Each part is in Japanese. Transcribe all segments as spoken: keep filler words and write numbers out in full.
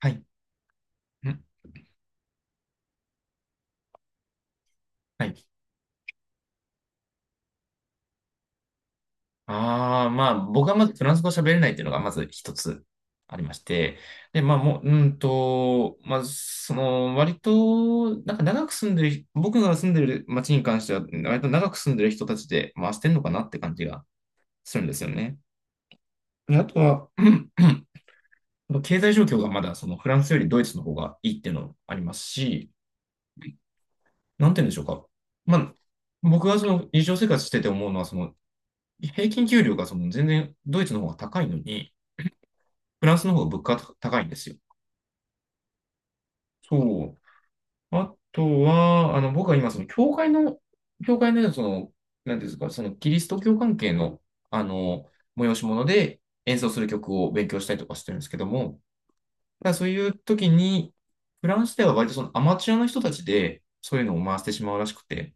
はい。んはい。ああ、まあ、僕はまずフランス語喋れないっていうのがまず一つありまして。で、まあ、もう、うんと、まあ、その、割と、なんか長く住んでる、僕が住んでる町に関しては、割と長く住んでる人たちで回してんのかなって感じがするんですよね。で、あとは、経済状況がまだ、その、フランスよりドイツの方がいいっていうのもありますし、なんて言うんでしょうか。まあ、僕がその日常生活してて思うのは、その平均給料がその全然ドイツの方が高いのに、フランスの方が物価が高いんですよ。そう。あとは、あの、僕は今、その教会の、教会の、その、なんていうんですか、そのキリスト教関係の、あの、催し物で演奏する曲を勉強したりとかしてるんですけども、だからそういう時に、フランスでは割とそのアマチュアの人たちで、そういうのを回してしまうらしくて、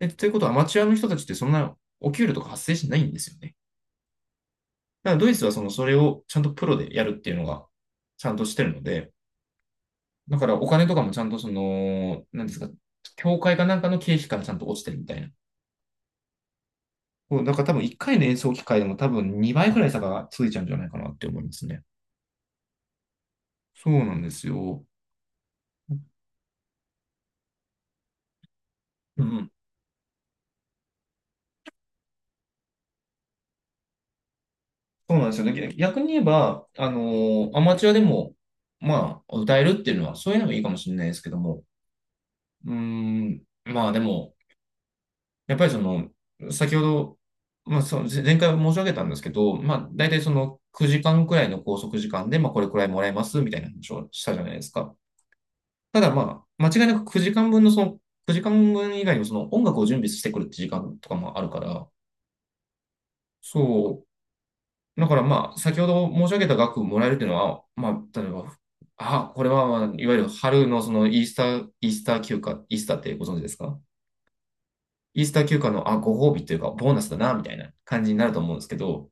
え、ということは、アマチュアの人たちってそんなお給料とか発生しないんですよね。だからドイツはそのそれをちゃんとプロでやるっていうのがちゃんとしてるので、だからお金とかもちゃんとその、なんですか、協会かなんかの経費からちゃんと落ちてるみたいな。だから多分いっかいの演奏機会でも多分にばいくらい差がついちゃうんじゃないかなって思いますね。そうなんですよ。うん。そうなんですよね。逆に言えば、あのーアマチュアでも、まあ、歌えるっていうのは、そういうのがいいかもしれないですけども、うーん、まあでも、やっぱりその、先ほど、まあ、その前回申し上げたんですけど、まあ、大体そのくじかんくらいの拘束時間で、まあ、これくらいもらえますみたいな話をしたじゃないですか。ただ、まあ、間違いなくくじかんぶんのその、くじかんぶん以外にもその音楽を準備してくるって時間とかもあるから、そう。だからまあ、先ほど申し上げた額もらえるっていうのは、まあ、例えば、あ、これは、まあ、いわゆる春のそのイースター、イースター休暇、イースターってご存知ですか？イースター休暇の、あ、ご褒美というか、ボーナスだな、みたいな感じになると思うんですけど、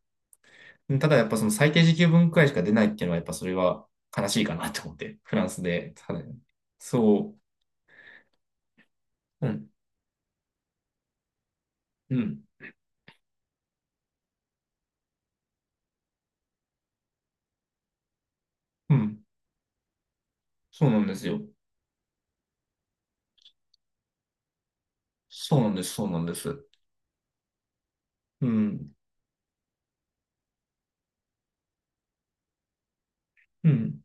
ただやっぱその最低時給分くらいしか出ないっていうのはやっぱそれは悲しいかなと思って、フランスで。ただそう、うん、うん、うん、そうなんですよ。そうなんです、そうなんです。うん、うん、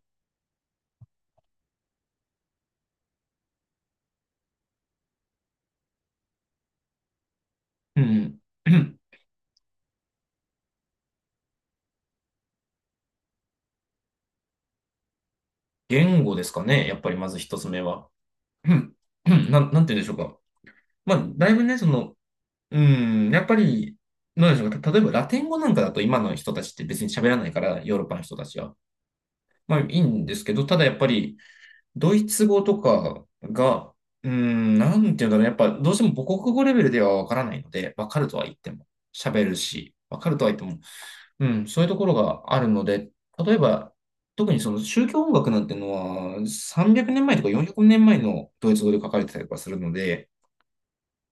うん。言語ですかね、やっぱりまず一つ目は。うん、うんなん、なんて言うんでしょうか。まあ、だいぶね、その、うん、やっぱり、なんでしょうか。た例えばラテン語なんかだと今の人たちって別に喋らないから、ヨーロッパの人たちは。まあいいんですけど、ただやっぱり、ドイツ語とかが、うーん、なんていうんだろう。やっぱどうしても母国語レベルではわからないので、わかるとは言っても、喋るし、わかるとは言っても、うん、そういうところがあるので、例えば、特にその宗教音楽なんてのは、さんびゃくねんまえとかよんひゃくねんまえのドイツ語で書かれてたりとかするので、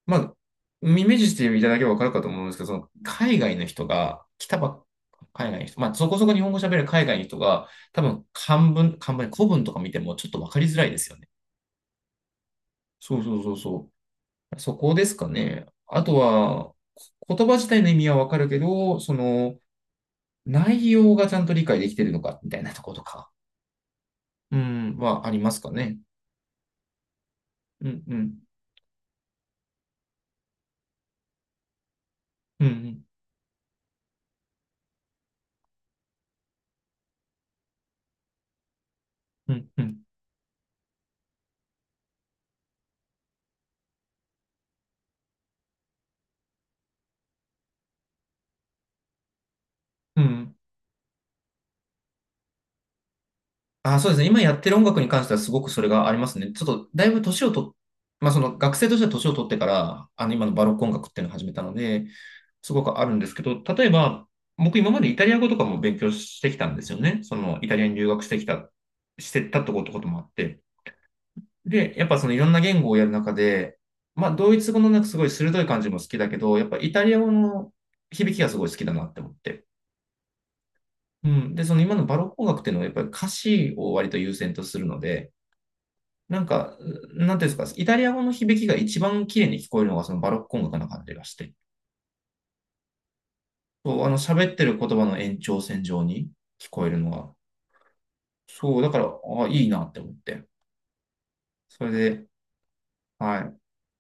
まあ、イメージしていただければわかるかと思うんですけど、その海外の人が、来たばっ海外の人、まあ、そこそこ日本語喋れる海外の人が、多分漢文、漢文、古文とか見てもちょっとわかりづらいですよね。そうそうそうそう、そこですかね。あとは、こ言葉自体の意味はわかるけど、その、内容がちゃんと理解できてるのか、みたいなとことか、うん、はありますかね。うん、うん、うん、うん、うん、うん。あ、そうですね。今やってる音楽に関してはすごくそれがありますね。ちょっと、だいぶ年をと、まあ、その学生としては年を取ってから、あの、今のバロック音楽っていうのを始めたので、すごくあるんですけど、例えば、僕今までイタリア語とかも勉強してきたんですよね。その、イタリアに留学してきた、してたってことこともあって。で、やっぱそのいろんな言語をやる中で、まあ、ドイツ語のなんかすごい鋭い感じも好きだけど、やっぱイタリア語の響きがすごい好きだなって思って。うん。で、その今のバロック音楽っていうのはやっぱり歌詞を割と優先とするので、なんか、なんていうんですか、イタリア語の響きが一番綺麗に聞こえるのがそのバロック音楽な感じがして、そう、あの喋ってる言葉の延長線上に聞こえるのがそう、だから、ああ、いいなって思って。それで、はい。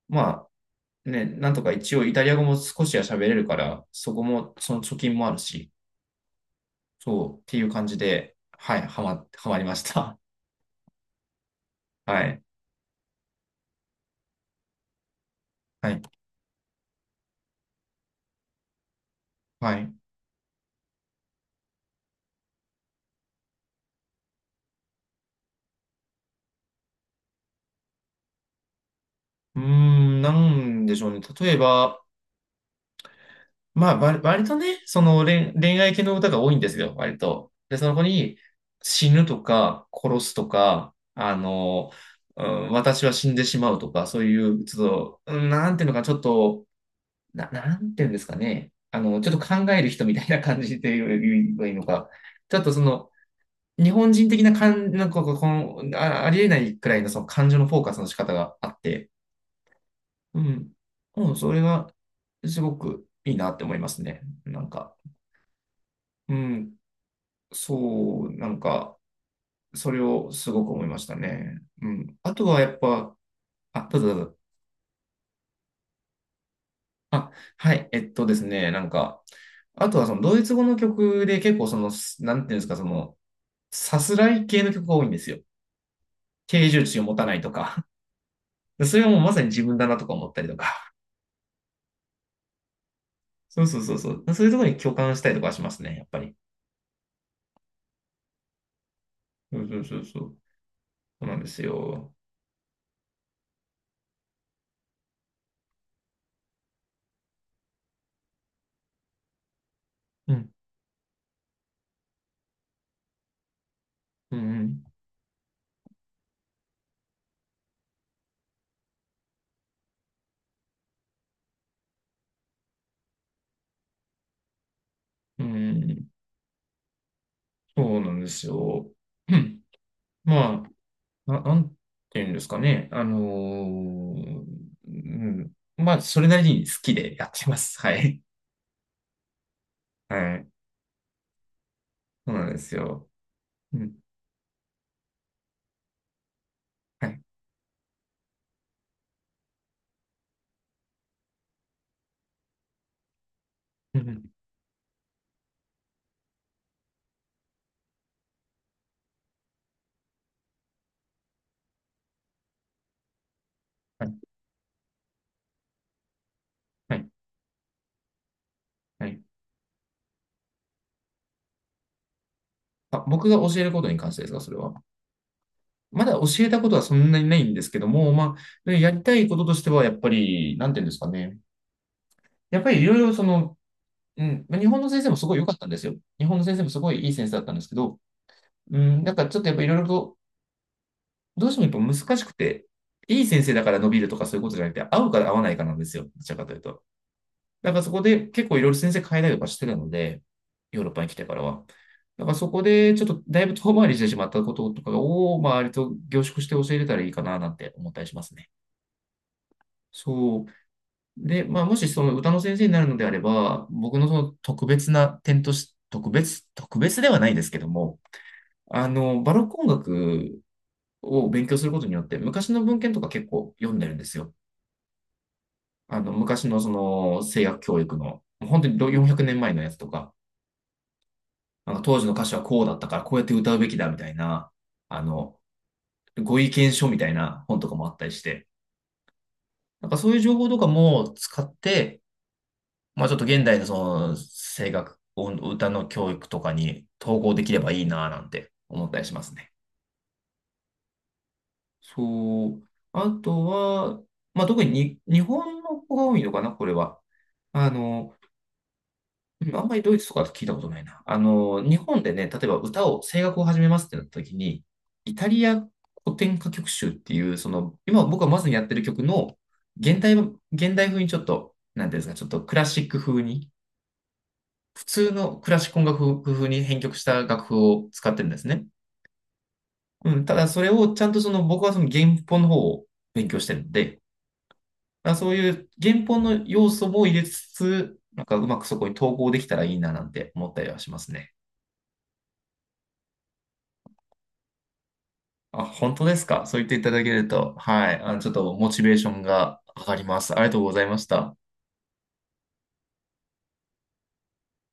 まあ、ね、なんとか一応イタリア語も少しは喋れるから、そこも、その貯金もあるし、そう、っていう感じで、はい、はま、はまりました。はい。はい。はい。うーん、なんでしょうね。例えば、まあ、わ割とね、その恋、恋愛系の歌が多いんですよ、割と。で、そこに死ぬとか、殺すとか、あの、うん、私は死んでしまうとか、そういう、ちょっと、うんなんていうのか、ちょっと、な、なんていうんですかね。あの、ちょっと考える人みたいな感じで言えばいいのか。ちょっとその、日本人的な感、なんかこの、あ、ありえないくらいのその感情のフォーカスの仕方があって、うん、うん、それがすごくいいなって思いますね。なんか。うん、そう、なんか、それをすごく思いましたね。うん。あとはやっぱ、あ、どうぞどうぞ。あ、はい、えっとですね、なんか、あとはそのドイツ語の曲で結構その、すなんていうんですか、その、さすらい系の曲が多いんですよ。定住地を持たないとか。それはもうまさに自分だなとか思ったりとか。そうそうそうそう。そういうところに共感したりとかしますね、やっぱり。そうそうそうそう。そうなんですよ。うん、うん、うん。うん、そうなんですよ。うん、まあ、な、なんていうんですかね。あのーうん。まあ、それなりに好きでやってます。はい。はい。そうなんですよ。うん。はい。うんうんはい。はい。はい。あ、僕が教えることに関してですか、それは。まだ教えたことはそんなにないんですけども、まあ、やりたいこととしては、やっぱり、なんていうんですかね。やっぱりいろいろその、うん、まあ日本の先生もすごい良かったんですよ。日本の先生もすごいいい先生だったんですけど、うん、なんかちょっとやっぱいろいろとどうしてもやっぱ難しくて、いい先生だから伸びるとかそういうことじゃなくて、合うか合わないかなんですよ。どちらかというと。だからそこで結構いろいろ先生変えたりとかしてるので、ヨーロッパに来てからは。だからそこでちょっとだいぶ遠回りしてしまったこととかを、まあ、割と凝縮して教えれたらいいかななんて思ったりしますね。そう。で、まあ、もしその歌の先生になるのであれば、僕のその特別な点として、特別、特別ではないですけども、あの、バロック音楽を勉強することによって、昔の文献とか結構読んでるんですよ。あの、昔のその声楽教育の、本当によんひゃくねんまえのやつとか、なんか当時の歌手はこうだったからこうやって歌うべきだみたいな、あの、ご意見書みたいな本とかもあったりして、なんかそういう情報とかも使って、まあちょっと現代のその声楽、音歌の教育とかに統合できればいいなぁなんて思ったりしますね。そう。あとは、まあ特にに日本の子が多いのかな、これは。あの、でもあんまりドイツとかだと聞いたことないな。あの、日本でね、例えば歌を、声楽を始めますってなった時に、イタリア古典歌曲集っていう、その、今僕がまずやってる曲の、現代、現代風にちょっと、なんていうんですか、ちょっとクラシック風に、普通のクラシック音楽風に編曲した楽譜を使ってるんですね。うん、ただそれをちゃんとその、僕はその原本の方を勉強してるんで、まあ、そういう原本の要素も入れつつ、なんかうまくそこに統合できたらいいななんて思ったりはしますね。あ、本当ですか？そう言っていただけると、はい。あの、ちょっとモチベーションが上がります。ありがとうございました。